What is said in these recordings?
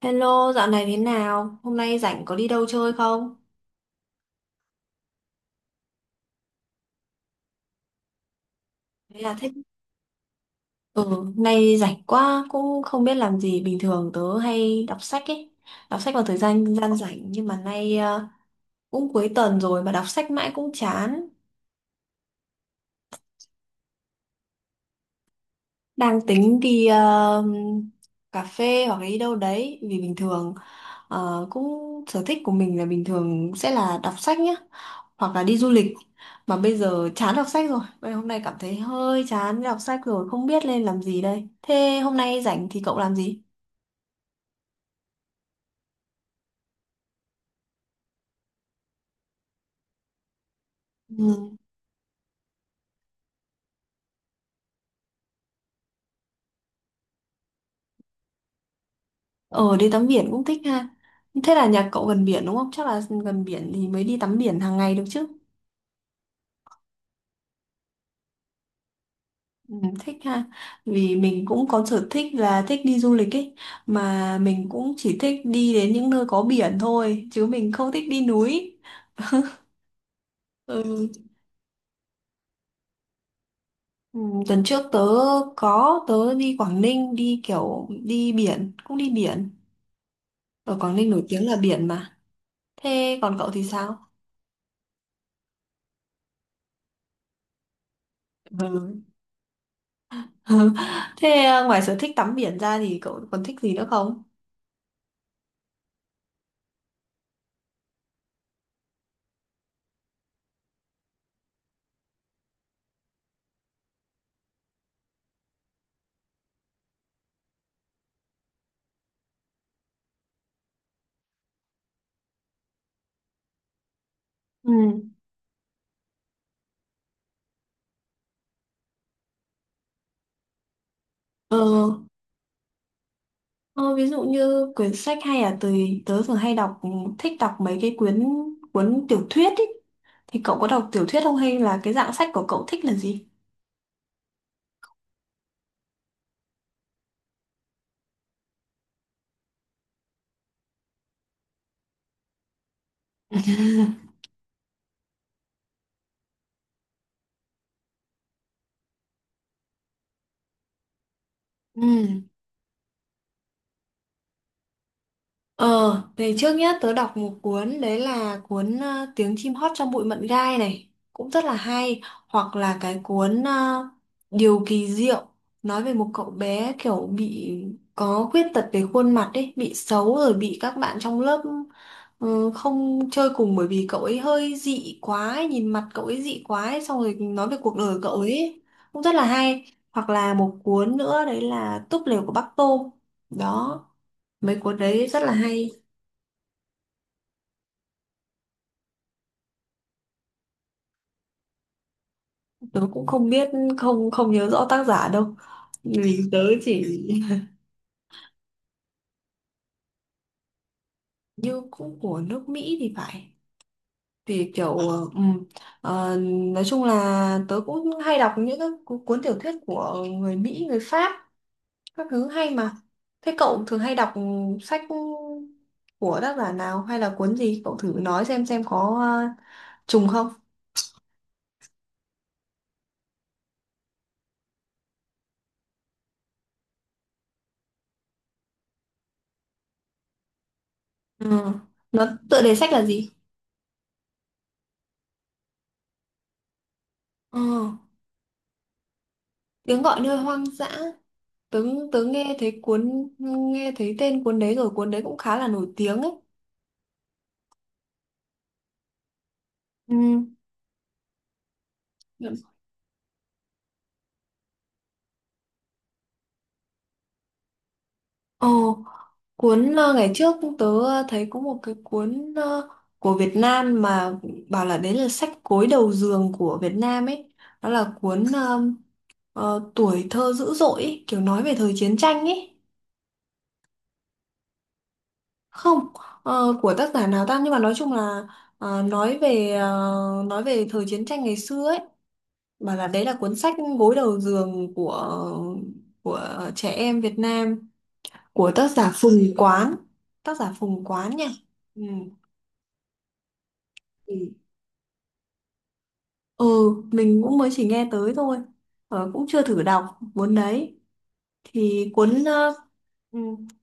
Hello, dạo này thế nào? Hôm nay rảnh có đi đâu chơi không? Thế là thích. Ừ, hôm nay rảnh quá, cũng không biết làm gì. Bình thường tớ hay đọc sách ấy. Đọc sách vào thời gian gian rảnh. Nhưng mà nay cũng cuối tuần rồi mà đọc sách mãi cũng chán. Đang tính đi cà phê hoặc là đi đâu đấy. Vì bình thường cũng sở thích của mình là bình thường sẽ là đọc sách nhá. Hoặc là đi du lịch, mà bây giờ chán đọc sách rồi. Bây giờ hôm nay cảm thấy hơi chán đọc sách rồi, không biết nên làm gì đây. Thế hôm nay rảnh thì cậu làm gì? Ừ. ờ đi tắm biển cũng thích ha. Thế là nhà cậu gần biển đúng không? Chắc là gần biển thì mới đi tắm biển hàng ngày được chứ. Ừ, thích ha. Vì mình cũng có sở thích là thích đi du lịch ấy, mà mình cũng chỉ thích đi đến những nơi có biển thôi, chứ mình không thích đi núi. Ừ. Ừ, tuần trước tớ có đi Quảng Ninh, đi kiểu đi biển, cũng đi biển. Ở Quảng Ninh nổi tiếng là biển mà. Thế còn cậu thì sao? Ừ. Thế à, ngoài sở thích tắm biển ra thì cậu còn thích gì nữa không? Ừ. ờ, ờ, Ví dụ như quyển sách hay là tớ tớ thường hay đọc, thích đọc mấy cái cuốn tiểu thuyết ý. Thì cậu có đọc tiểu thuyết không, hay là cái dạng sách của cậu thích là gì? Ừ. Ờ, thì trước nhất tớ đọc một cuốn, đấy là cuốn Tiếng chim hót trong bụi mận gai này, cũng rất là hay. Hoặc là cái cuốn Điều kỳ diệu, nói về một cậu bé kiểu bị có khuyết tật về khuôn mặt ấy, bị xấu rồi bị các bạn trong lớp không chơi cùng, bởi vì cậu ấy hơi dị quá ấy, nhìn mặt cậu ấy dị quá ấy, xong rồi nói về cuộc đời của cậu ấy, cũng rất là hay. Hoặc là một cuốn nữa, đấy là Túp lều của Bác Tôm. Đó, mấy cuốn đấy rất là hay. Tớ cũng không biết, không, không nhớ rõ tác giả đâu, vì tớ chỉ, như cũng của nước Mỹ thì phải. Thì kiểu ờ, nói chung là tớ cũng hay đọc những các cuốn tiểu thuyết của người Mỹ, người Pháp, các thứ hay mà. Thế cậu thường hay đọc sách của tác giả nào, hay là cuốn gì, cậu thử nói xem có ờ, trùng không? Ừ. Nó tựa đề sách là gì? Ừ. Tiếng gọi nơi hoang dã. Tớ tớ nghe thấy tên cuốn đấy rồi, cuốn đấy cũng khá là nổi tiếng ấy. Ừ. Dạ. Ồ, cuốn ngày trước tớ thấy có một cái cuốn của Việt Nam mà, bảo là đấy là sách gối đầu giường của Việt Nam ấy. Đó là cuốn Tuổi thơ dữ dội ấy, kiểu nói về thời chiến tranh ấy. Không, của tác giả nào ta, nhưng mà nói chung là ờ, nói về ờ, nói về thời chiến tranh ngày xưa ấy. Bảo là đấy là cuốn sách gối đầu giường của trẻ em Việt Nam, của tác giả Phùng Quán. Tác giả Phùng Quán nha. Ừ. Ừ. Ừ, mình cũng mới chỉ nghe tới thôi, cũng chưa thử đọc cuốn đấy. Thì cuốn ừ.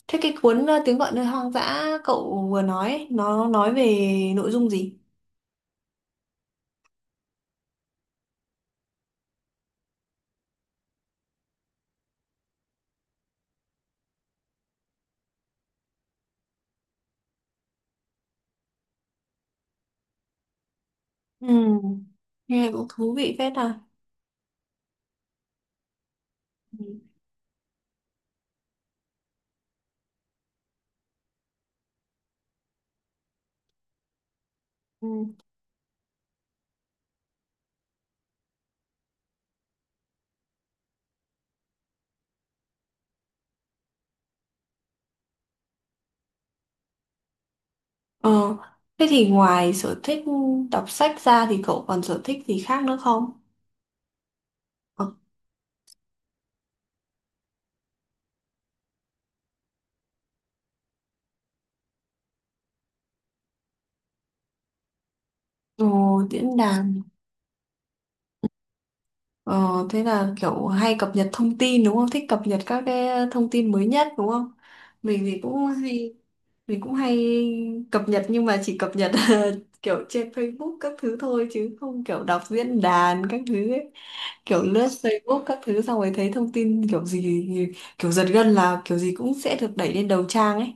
Thế cái cuốn Tiếng gọi nơi hoang dã cậu vừa nói ấy, nó nói về nội dung gì? Ừ. Nghe cũng thú vị phết à. Ừ. Ừ. Ờ, thế thì ngoài sở thích đọc sách ra thì cậu còn sở thích gì khác nữa không? Ờ, ờ, Diễn đàn. Ờ, thế là kiểu hay cập nhật thông tin đúng không? Thích cập nhật các cái thông tin mới nhất đúng không? Mình thì cũng hay mình cũng hay cập nhật, nhưng mà chỉ cập nhật kiểu trên Facebook các thứ thôi, chứ không kiểu đọc diễn đàn các thứ ấy. Kiểu lướt Facebook các thứ, xong rồi thấy thông tin kiểu gì, kiểu giật gân là kiểu gì cũng sẽ được đẩy lên đầu trang ấy.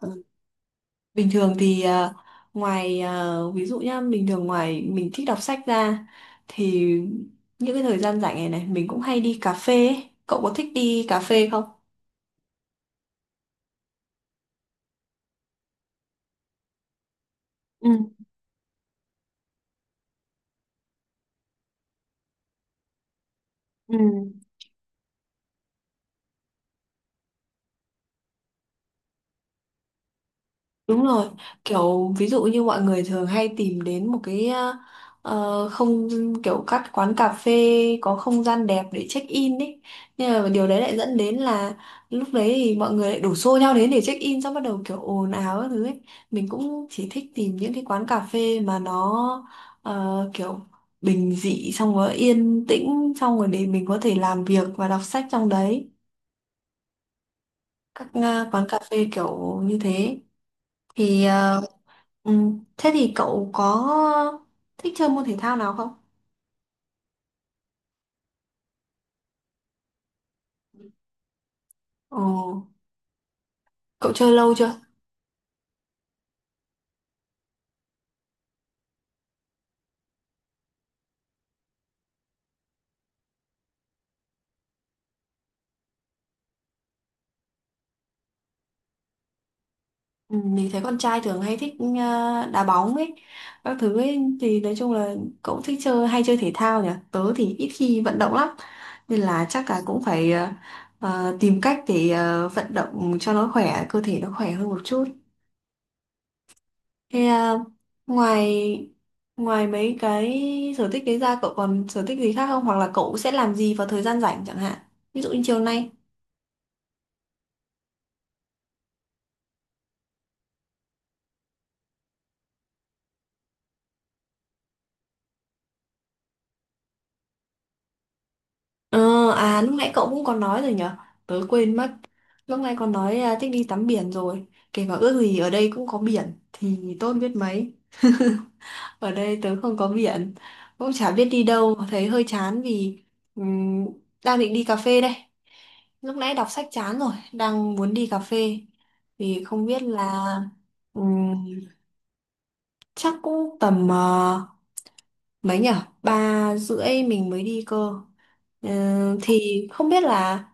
Ừ. Bình thường thì ngoài ví dụ nhá, bình thường ngoài mình thích đọc sách ra, thì những cái thời gian rảnh này này mình cũng hay đi cà phê ấy. Cậu có thích đi cà phê không? Ừ, ừ. Đúng rồi, kiểu ví dụ như mọi người thường hay tìm đến một cái không, kiểu các quán cà phê có không gian đẹp để check in ấy. Nhưng mà điều đấy lại dẫn đến là lúc đấy thì mọi người lại đổ xô nhau đến để check in, xong bắt đầu kiểu ồn ào các thứ ấy. Mình cũng chỉ thích tìm những cái quán cà phê mà nó kiểu bình dị, xong rồi yên tĩnh, xong rồi để mình có thể làm việc và đọc sách trong đấy. Các quán cà phê kiểu như thế thì thế thì cậu có thích chơi môn thể thao nào không? Ồ, cậu chơi lâu chưa? Ừ, mình thấy con trai thường hay thích đá bóng ấy, các thứ ấy. Thì nói chung là cậu thích chơi, hay chơi thể thao nhỉ? Tớ thì ít khi vận động lắm, nên là chắc là cũng phải tìm cách để vận động cho nó khỏe, cơ thể nó khỏe hơn một chút. Thế à, ngoài ngoài mấy cái sở thích đấy ra cậu còn sở thích gì khác không? Hoặc là cậu sẽ làm gì vào thời gian rảnh chẳng hạn? Ví dụ như chiều nay. Ờ, à lúc nãy cậu cũng còn nói rồi nhở? Tớ quên mất. Lúc nãy còn nói à, thích đi tắm biển rồi. Kể cả ước gì ở đây cũng có biển thì tốt biết mấy. Ở đây tớ không có biển, cũng chả biết đi đâu, thấy hơi chán vì ừm, đang định đi cà phê đây. Lúc nãy đọc sách chán rồi, đang muốn đi cà phê. Thì không biết là ừm, chắc cũng tầm mấy nhở? 3 rưỡi mình mới đi cơ. Ờ, thì không biết là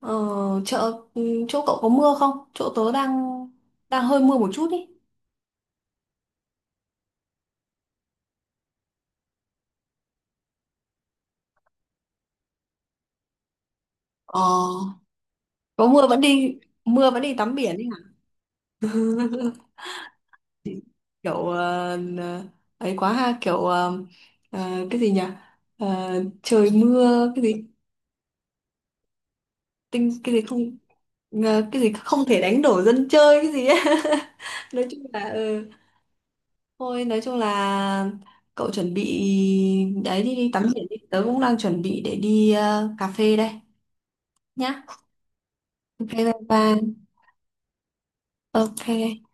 ờ, chợ chỗ cậu có mưa không? Chỗ tớ đang đang hơi mưa một chút ý. Ờ, có mưa vẫn đi tắm biển ý hả? Kiểu ấy quá ha, kiểu cái gì nhỉ? Ờ, trời mưa cái gì, tinh cái gì không, cái gì không thể đánh đổ dân chơi cái gì ấy. Nói chung là ừ. Thôi nói chung là cậu chuẩn bị đấy, đi, đi tắm biển đi. Tớ cũng đang chuẩn bị để đi cà phê đây nhá. Ok, bye bye. Ok.